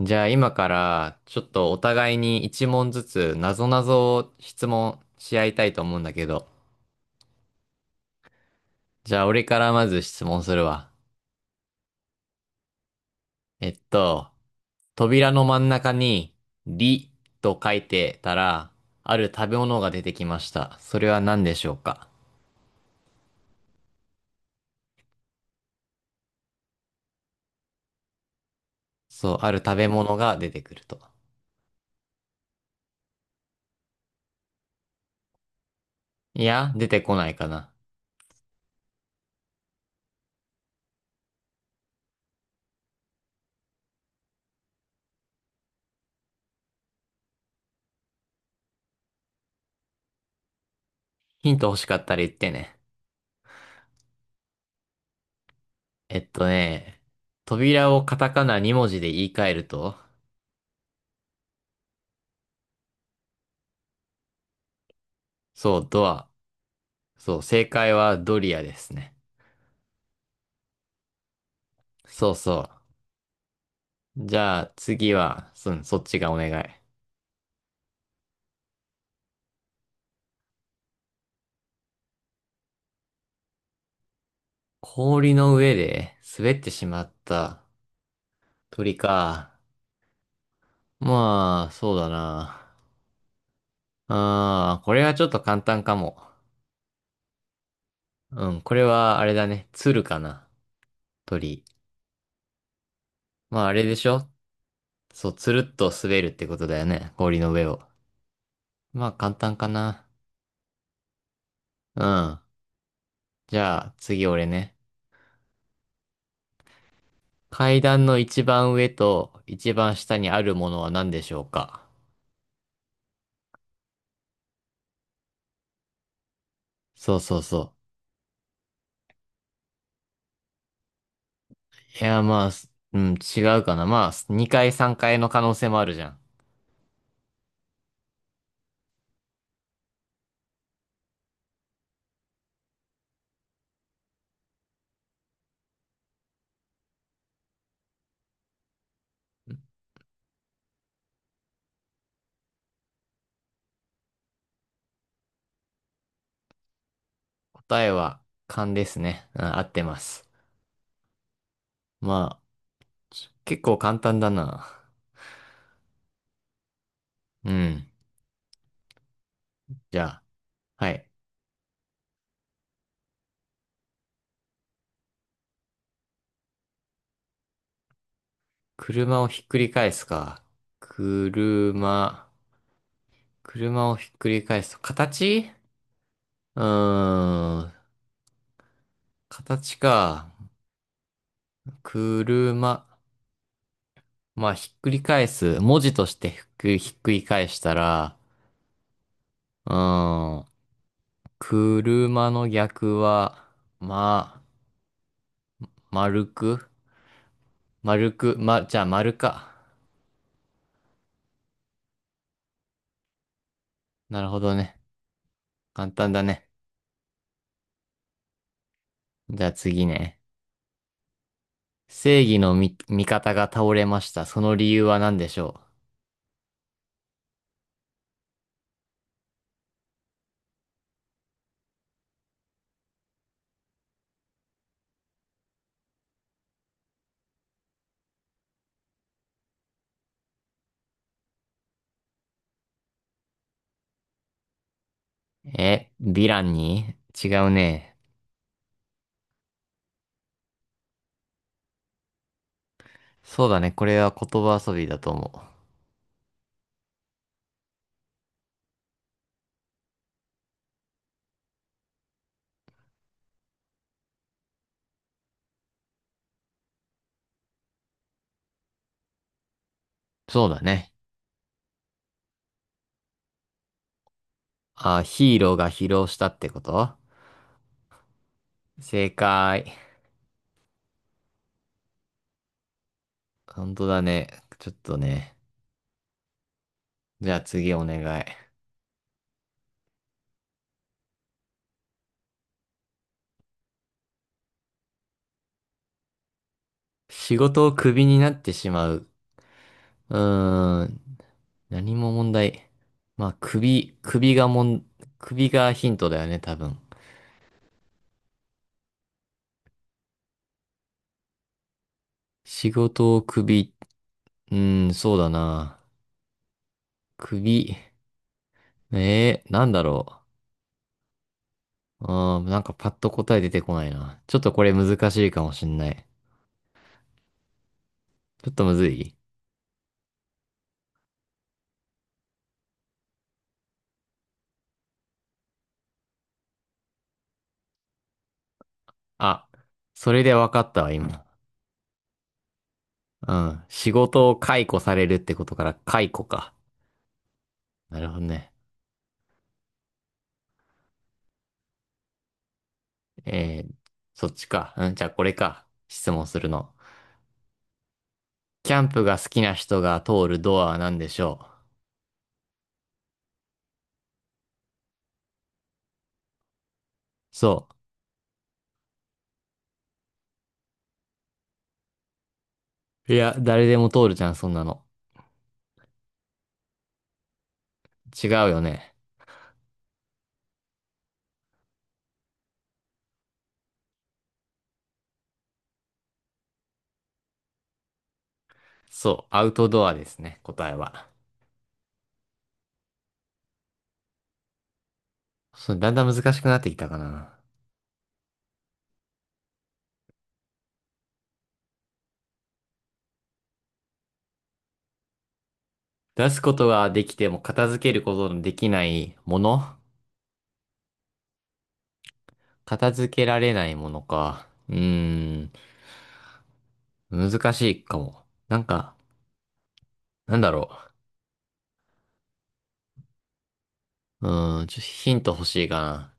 じゃあ今からちょっとお互いに一問ずつなぞなぞを質問し合いたいと思うんだけど。じゃあ俺からまず質問するわ。えっと、扉の真ん中にりと書いてたら、ある食べ物が出てきました。それは何でしょうか？そう、ある食べ物が出てくると。いや、出てこないかな。ヒント欲しかったら言ってね。えっとね、扉をカタカナ2文字で言い換えると、そう、ドア。そう、正解はドリアですね。そうそう。じゃあ次は、そっちがお願い。氷の上で滑ってしまった鳥か。まあ、そうだな。ああ、これはちょっと簡単かも。うん、これはあれだね。鶴かな。鳥。まああれでしょ？そう、つるっと滑るってことだよね。氷の上を。まあ簡単かな。うん。じゃあ次俺ね。階段の一番上と一番下にあるものは何でしょうか？そうそうそう。いや、まあ、すうん、違うかな。まあ、2回3回の可能性もあるじゃん。答えは勘ですね。うん、合ってます。まあ、結構簡単だな。うん。じゃあ、はい。車をひっくり返すか。車、車をひっくり返すと、形。うーん、形か。車、まあ、ひっくり返す。文字としてひっくり返したら、うーん。車の逆は、まあ、丸く丸く、ま、じゃあ丸か。なるほどね。簡単だね。じゃあ次ね。正義の味方が倒れました。その理由は何でしょう？ヴィランに。違うね。そうだね。これは言葉遊びだと思う。そうだね。あ、ヒーローが疲労したってこと？正解。本当だね。ちょっとね。じゃあ次お願い。仕事をクビになってしまう。うーん。何も問題。まあ、首がヒントだよね、多分。仕事を首、そうだな。首、なんだろう。なんかパッと答え出てこないな。ちょっとこれ難しいかもしんない。ちょっとむずい。あ、それで分かったわ、今。うん。仕事を解雇されるってことから解雇か。なるほどね。えー、そっちか。うん、じゃあこれか。質問するの。キャンプが好きな人が通るドアは何でしょう？そう。いや、誰でも通るじゃん、そんなの。違うよね。そう、アウトドアですね、答えは。そう、だんだん難しくなってきたかな。出すことができても片付けることのできないもの。片付けられないものか。ん、難しいかも。なんか、なんだろう。ちょっとヒント欲しいかな。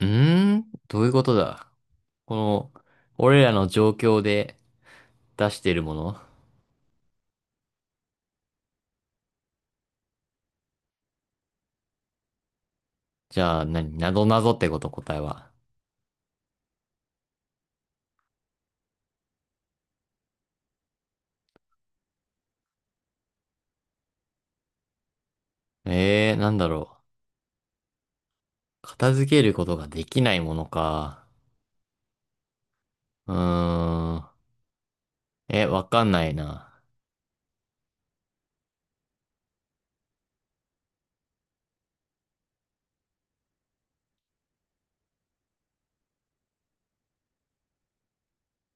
どういうことだ？この、俺らの状況で出してるもの。じゃあ、何なぞなぞってこと？答えは。なんだろう。片付けることができないものか。うーん。え、わかんないな。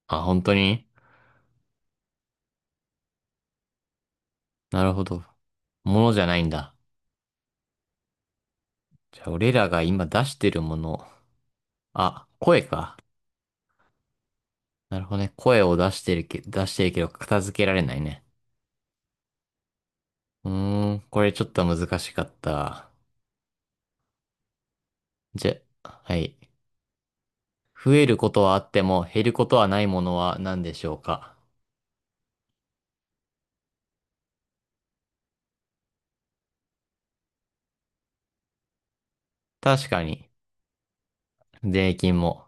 あ、本当に？なるほど。ものじゃないんだ。じゃあ、俺らが今出してるもの。あ、声か。なるほどね。声を出してるけど片付けられないね。これちょっと難しかった。じゃ、はい。増えることはあっても減ることはないものは何でしょうか。確かに。税金も。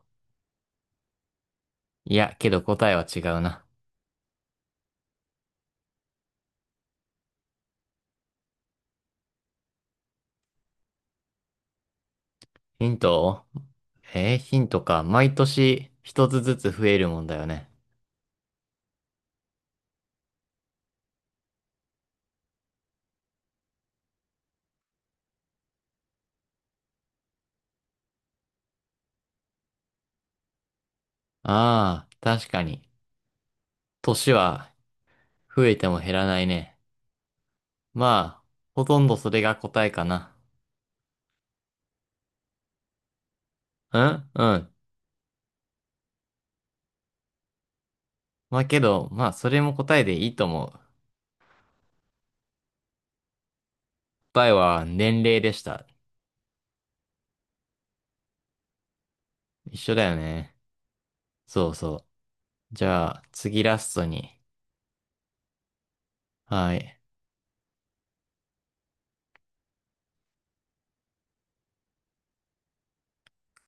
いや、けど答えは違うな。ヒントを。ヒントか。毎年一つずつ増えるもんだよね。ああ、確かに。年は増えても減らないね。まあ、ほとんどそれが答えかな。うんうん。まあけど、まあそれも答えでいいと思う。答えは年齢でした。一緒だよね。そうそう。じゃあ、次ラストに。はい。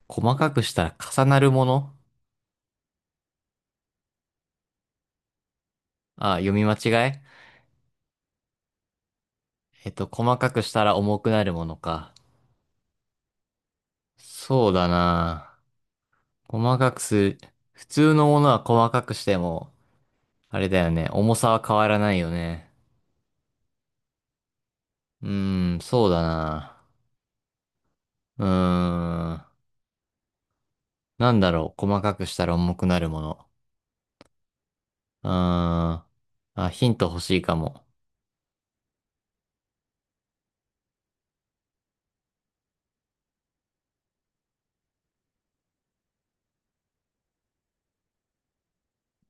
細かくしたら重なるもの？あ、読み間違え。細かくしたら重くなるものか。そうだな。細かくする。普通のものは細かくしても、あれだよね。重さは変わらないよね。そうだな。うーん。なんだろう。細かくしたら重くなるもの。うーん。あ、ヒント欲しいかも。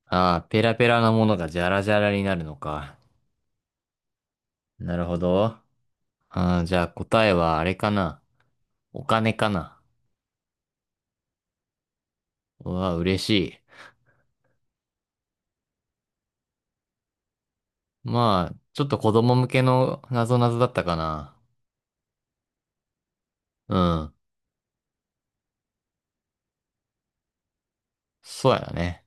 あー、ペラペラなものがジャラジャラになるのか。なるほど。あー、じゃあ答えはあれかな。お金かな。うわ、嬉しい。まあ、ちょっと子供向けのなぞなぞだったかな。うん。そうやね。